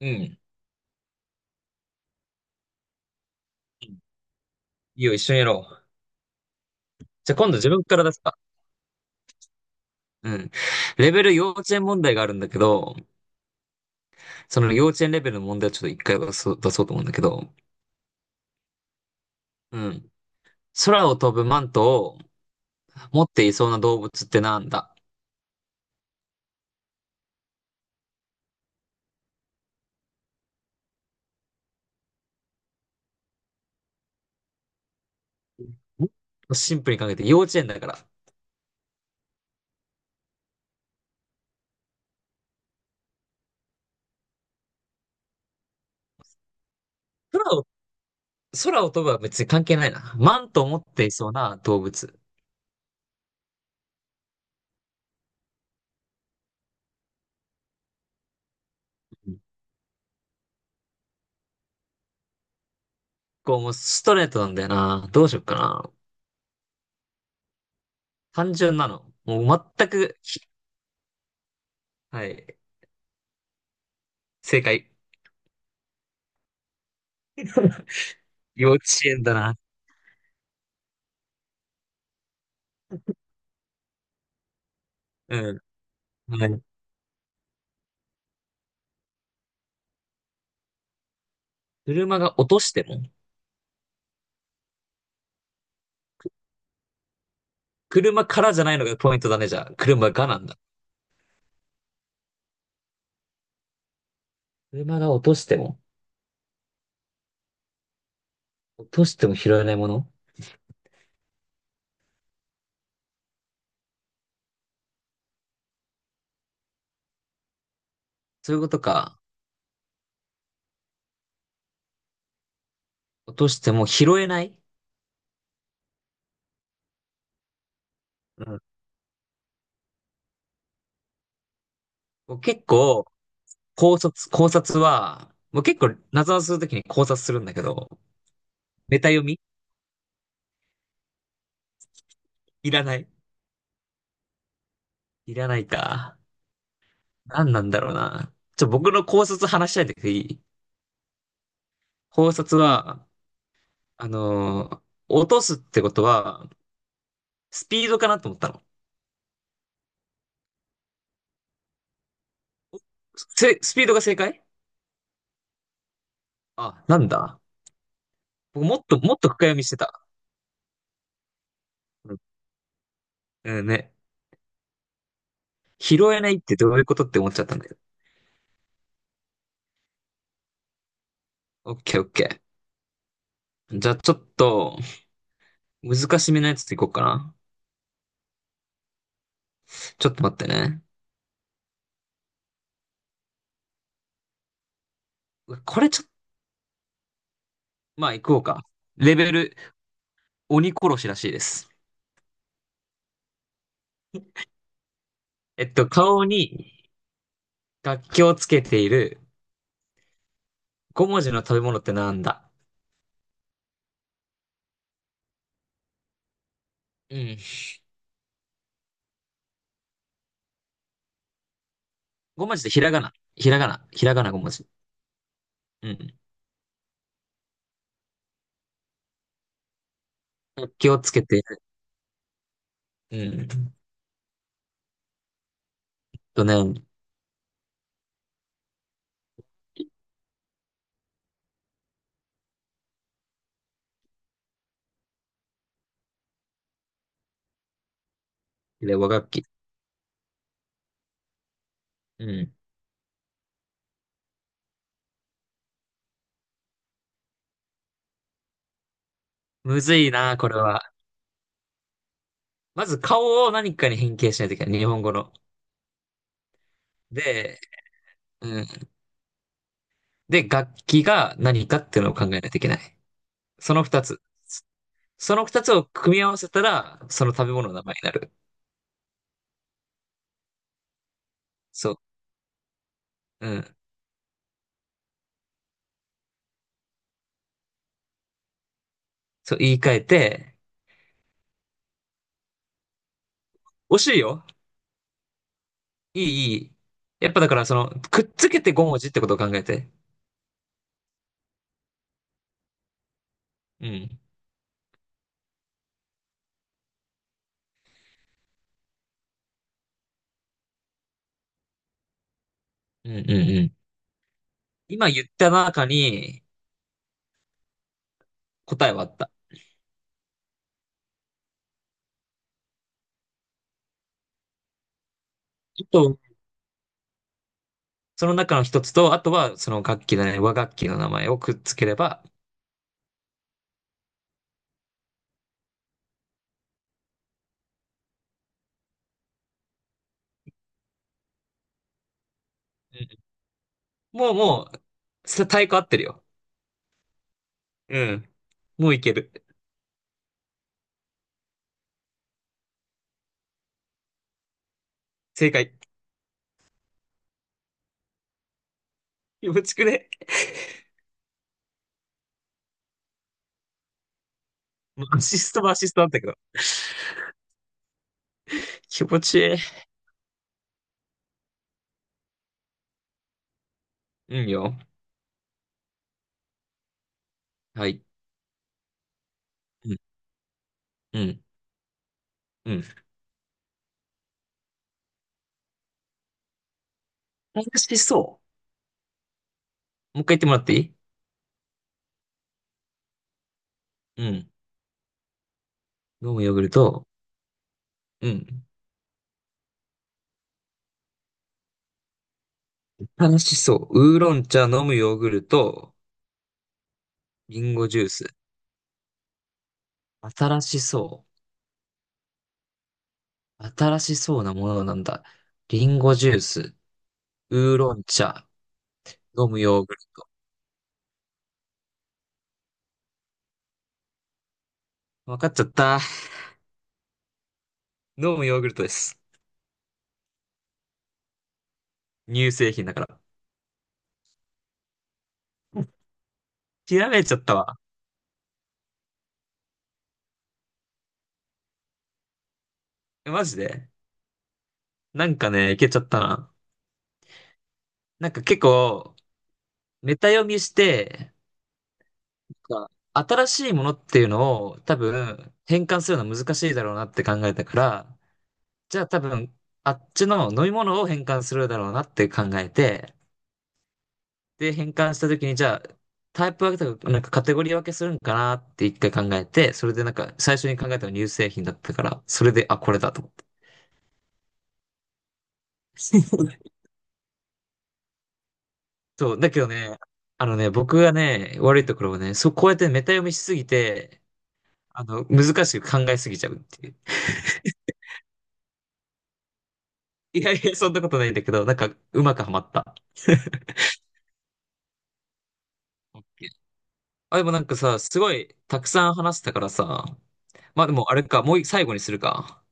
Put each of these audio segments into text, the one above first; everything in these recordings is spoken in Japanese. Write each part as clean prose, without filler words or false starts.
うん。いいよ、一緒にやろう。じゃあ今度自分から出すか。うん。レベル幼稚園問題があるんだけど、その幼稚園レベルの問題をちょっと一回出そうと思うんだけど、うん。空を飛ぶマントを持っていそうな動物ってなんだ？もっとシンプルに考えて幼稚園だから。空を、空を飛ぶは別に関係ないな。マントを持っていそうな動物。うん。こう、もうストレートなんだよな。どうしよっかな。単純なの。もう全く、はい。正解。幼稚園だな。うん。はい。車が落としても、車からじゃないのがポイントだね、じゃあ。車がなんだ。車が落としても、落としても拾えないもの。そういうことか。落としても拾えない。うん。もう結構、考察は、もう結構、謎をするときに考察するんだけど、ネタ読み。いらない。いらないか。何なんだろうな。ちょ、僕の考察話しないでくれ、いい？考察は、落とすってことは、スピードかなと思ったの。スピードが正解？あ、なんだ。僕もっと深読みしてた。うん、うんね。拾えないってどういうことって思っちゃったんだけど。オッケーオッケー。じゃあちょっと、難しめのやつていこうかな。ちょっと待ってね。これちょっと、まあいこうか。レベル、鬼殺しらしいです。顔に楽器をつけている五文字の食べ物ってなんだ？うん。五文字でひらがな。ひらがな。ひらがな五文字。うん。楽器をつけている。うん。とね、和楽器。うん。むずいな、これは。まず顔を何かに変形しないといけない。日本語の。で、うん。で、楽器が何かっていうのを考えないといけない。その二つ。その二つを組み合わせたら、その食べ物の名前になる。そう。うん。そう、言い換えて、惜しいよ。いい、いい。やっぱだからその、くっつけて5文字ってことを考えて。うん。うん、うん、うん。今言った中に答えはあった。あと、その中の一つと、あとはその楽器だね、和楽器の名前をくっつければ、もう、太鼓合ってるよ。うん。もういける。正解。気持ちくね。もうアシストもアシストなんだったけど。気持ちいい。うんよ。はい。うん。うん。うん。楽しそう。もう一回言ってもらっていい？うん。飲むヨーグルト。うん。楽しそう。ウーロン茶、飲むヨーグルト、リンゴジュース。新しそう。新しそうなものなんだ。リンゴジュース。ウーロン茶。飲むヨーグルト。わかっちゃった。飲むヨーグルトです。乳製品だから。ひらめいちゃったわ。えマジで？なんかね、いけちゃったな。なんか結構、メタ読みして、なんか新しいものっていうのを多分変換するのは難しいだろうなって考えたから、じゃあ多分あっちの飲み物を変換するだろうなって考えて、で、変換した時にじゃあタイプ分けとか、なんかカテゴリー分けするんかなって一回考えて、それでなんか最初に考えたのは乳製品だったから、それで、あ、これだと思って。そう、だけどね、あのね、僕がね、悪いところはね、そう、こうやってメタ読みしすぎて、難しく考えすぎちゃうっていう。いやいや、そんなことないんだけど、なんか、うまくはまった。オッケー。あ、でもなんかさ、すごい、たくさん話したからさ、まあでも、あれか、もう最後にするか。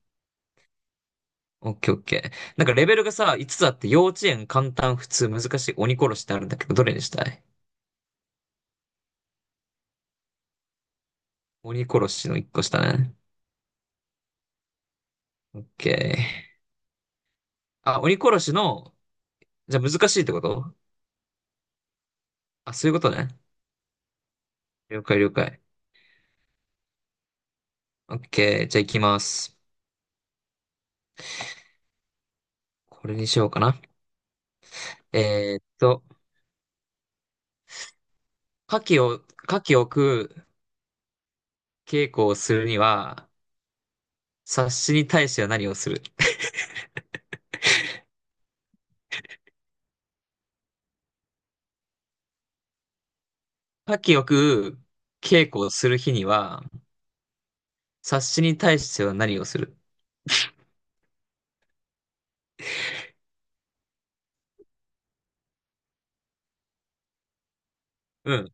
オッケーオッケー。なんかレベルがさ、5つつあって、幼稚園、簡単、普通、難しい、鬼殺しってあるんだけど、どれにしたい？鬼殺しの1個下ね。オッケー。あ、鬼殺しの、じゃあ難しいってこと？あ、そういうことね。了解了解。オッケー、じゃあ行きます。これにしようかな。えーっと、牡蠣を、牡蠣を食う稽古をするには、察しに対しては何をする？牡蠣を食う稽古をする日には、察しに対しては何をする？うん。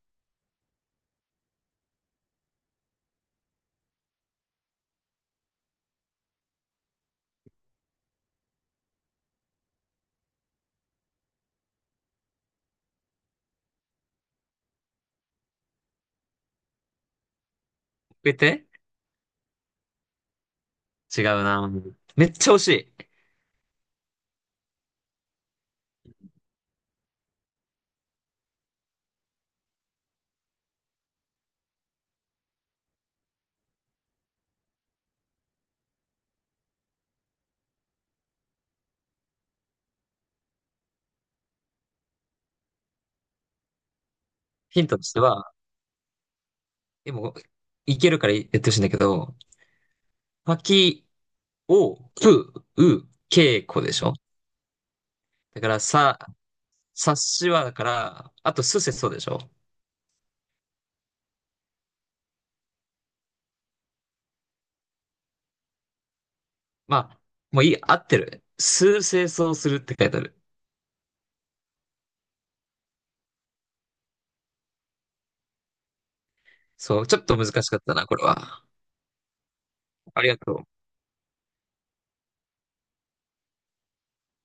えて、違うな。めっちゃ惜しい。ヒントとしては、でも、いけるから言ってほしいんだけど、牡蠣を食う稽古でしょ？だから、さ、察しは、だから、あと、すせそうでしょ？まあ、もういい、合ってる。数清掃するって書いてある。そう、ちょっと難しかったな、これは。ありがとう。